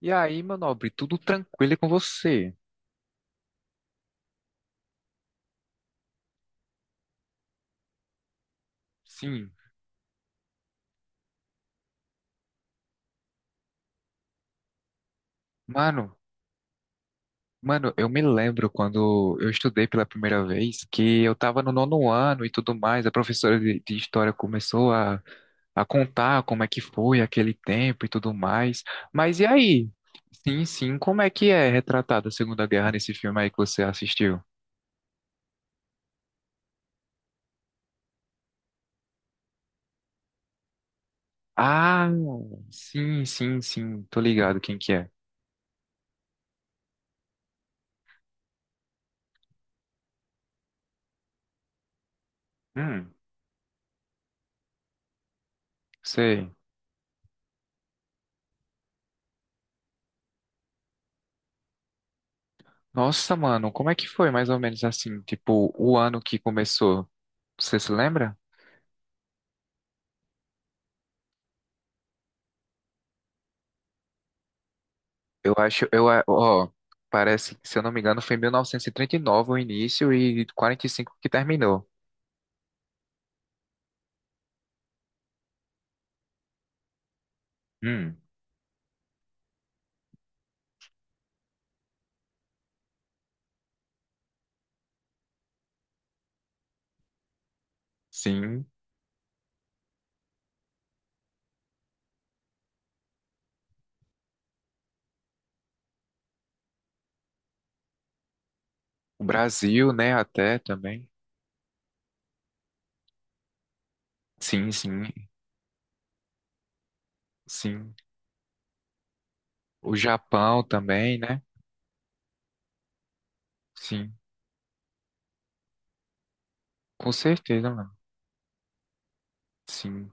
E aí, meu nobre, tudo tranquilo com você? Sim. Mano, mano, eu me lembro quando eu estudei pela primeira vez que eu tava no nono ano e tudo mais, a professora de história começou a contar como é que foi aquele tempo e tudo mais. Mas e aí? Sim, sim, como é que é retratada a Segunda Guerra nesse filme aí que você assistiu? Ah, sim, sim, sim, tô ligado quem que é. Hum, sei. Nossa, mano, como é que foi mais ou menos assim? Tipo, o ano que começou, você se lembra? Eu acho, ó, parece que, se eu não me engano, foi em 1939 o início e 45 que terminou. Hum, sim. O Brasil, né, até também. Sim, sim, sim. O Japão também, né? Sim. Com certeza, mano. Sim.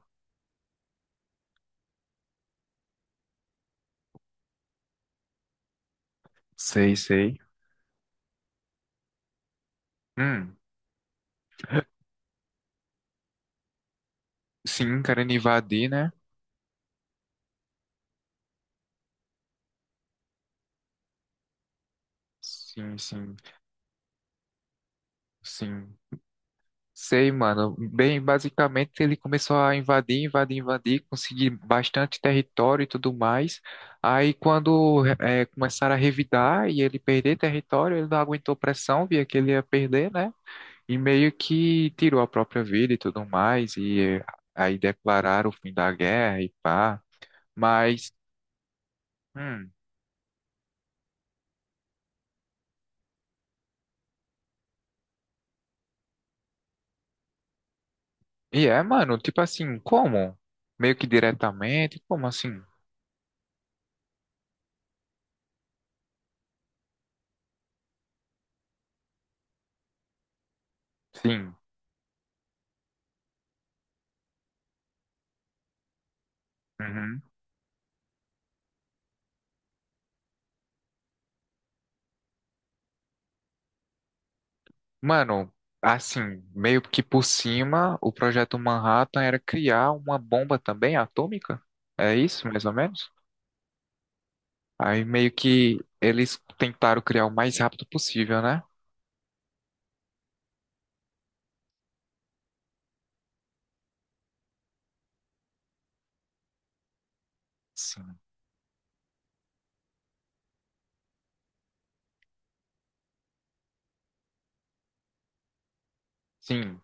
Sei, sei. Hum, sim, querendo invadir, né? Sim, sim, sim. Sei, mano. Bem, basicamente ele começou a invadir, invadir, invadir, conseguir bastante território e tudo mais. Aí quando começaram a revidar e ele perder território, ele não aguentou pressão, via que ele ia perder, né? E meio que tirou a própria vida e tudo mais. E aí declararam o fim da guerra e pá. Mas, hum, e é, mano, tipo assim, como? Meio que diretamente, como assim? Sim. Uhum. Mano, assim, meio que por cima, o projeto Manhattan era criar uma bomba também atômica? É isso, mais ou menos? Aí meio que eles tentaram criar o mais rápido possível, né? Sim. Sim,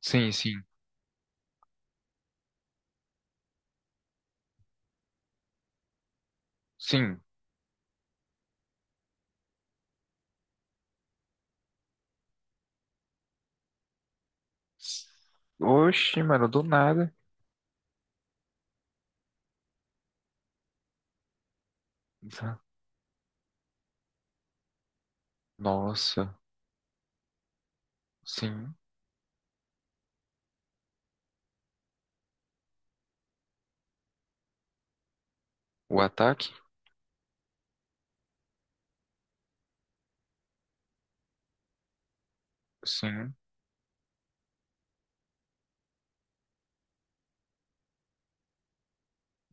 sim, sim, sim. Oxi, mano, do nada. Nossa, sim. O ataque? Sim.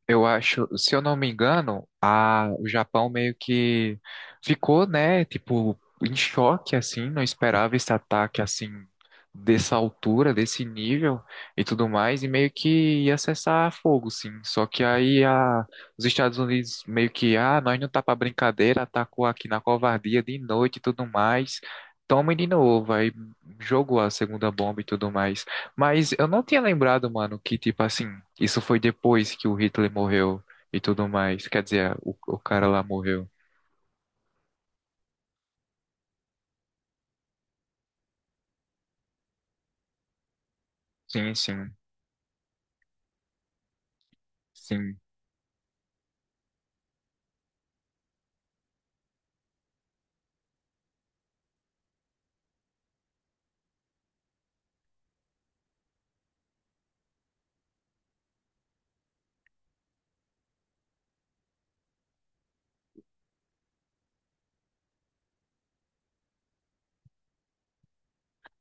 Eu acho, se eu não me engano, o Japão meio que ficou, né, tipo, em choque, assim, não esperava esse ataque, assim, dessa altura, desse nível e tudo mais, e meio que ia cessar fogo, sim. Só que aí os Estados Unidos meio que, ah, nós não tá pra brincadeira, atacou aqui na covardia de noite e tudo mais, toma de novo, aí jogou a segunda bomba e tudo mais. Mas eu não tinha lembrado, mano, que, tipo assim, isso foi depois que o Hitler morreu e tudo mais. Quer dizer, o cara lá morreu. Sim, sim, sim.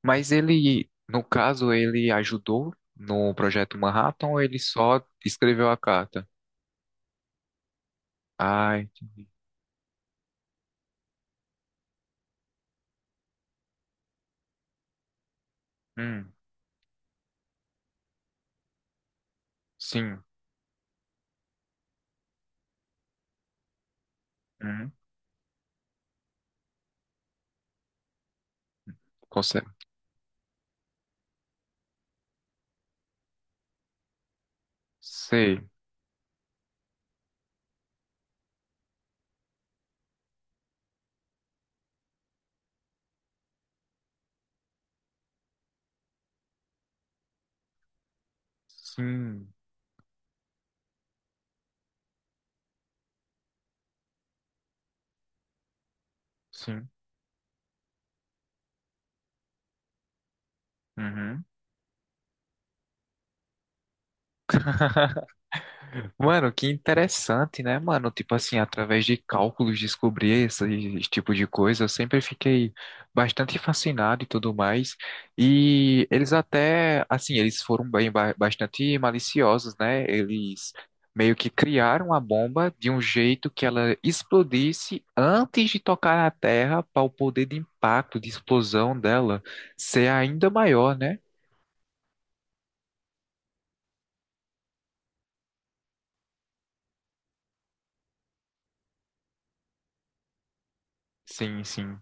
Mas ele, no caso, ele ajudou no projeto Manhattan ou ele só escreveu a carta? Ah, entendi. Hum, sim. Hum, consegue. Sei. Sim, sim. Uhum. Mano, que interessante, né, mano? Tipo assim, através de cálculos descobrir esse tipo de coisa, eu sempre fiquei bastante fascinado e tudo mais. E eles até, assim, eles foram bem bastante maliciosos, né? Eles meio que criaram a bomba de um jeito que ela explodisse antes de tocar na Terra, para o poder de impacto, de explosão dela ser ainda maior, né? Sim, sim.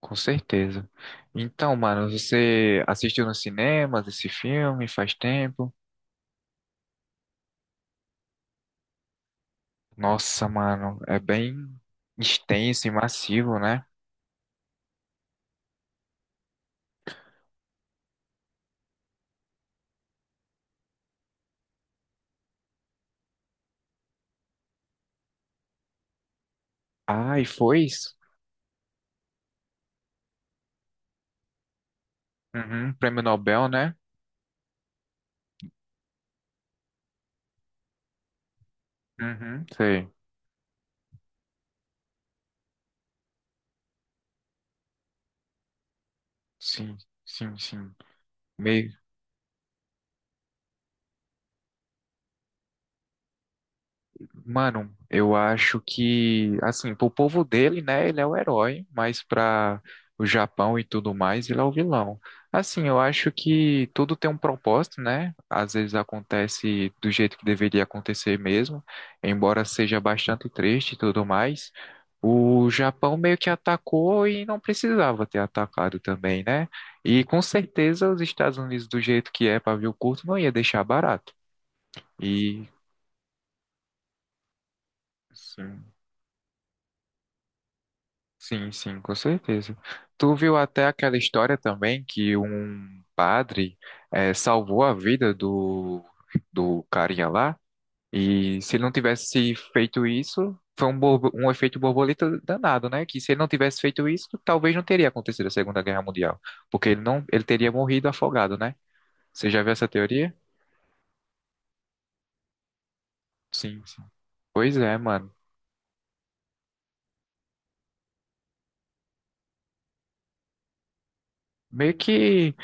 Com certeza. Então, mano, você assistiu nos cinemas esse filme faz tempo? Nossa, mano, é bem extenso e massivo, né? Ah, e foi isso? Uhum, prêmio Nobel, né? Uhum, sei. Sim, sim, sim. Mano, eu acho que, assim, pro povo dele, né, ele é o herói, mas pra o Japão e tudo mais, ele é o vilão. Assim, eu acho que tudo tem um propósito, né? Às vezes acontece do jeito que deveria acontecer mesmo, embora seja bastante triste e tudo mais. O Japão meio que atacou e não precisava ter atacado também, né? E com certeza os Estados Unidos, do jeito que é pavio curto, não ia deixar barato. E, sim. Sim, sim, com certeza. Tu viu até aquela história também que um padre salvou a vida do carinha lá, e se ele não tivesse feito isso, foi um efeito borboleta danado, né? Que se ele não tivesse feito isso, talvez não teria acontecido a Segunda Guerra Mundial, porque ele não, ele teria morrido afogado, né? Você já viu essa teoria? Sim, sim. Pois é, mano. Meio que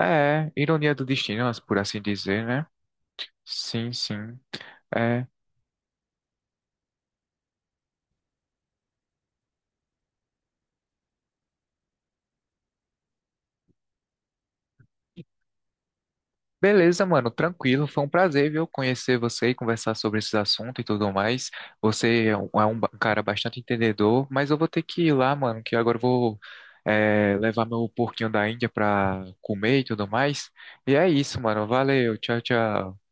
é ironia do destino, por assim dizer, né? Sim, sim. É. Beleza, mano, tranquilo. Foi um prazer, viu, conhecer você e conversar sobre esses assuntos e tudo mais. Você é um cara bastante entendedor, mas eu vou ter que ir lá, mano, que agora eu vou é, levar meu porquinho da Índia pra comer e tudo mais. E é isso, mano. Valeu, tchau, tchau.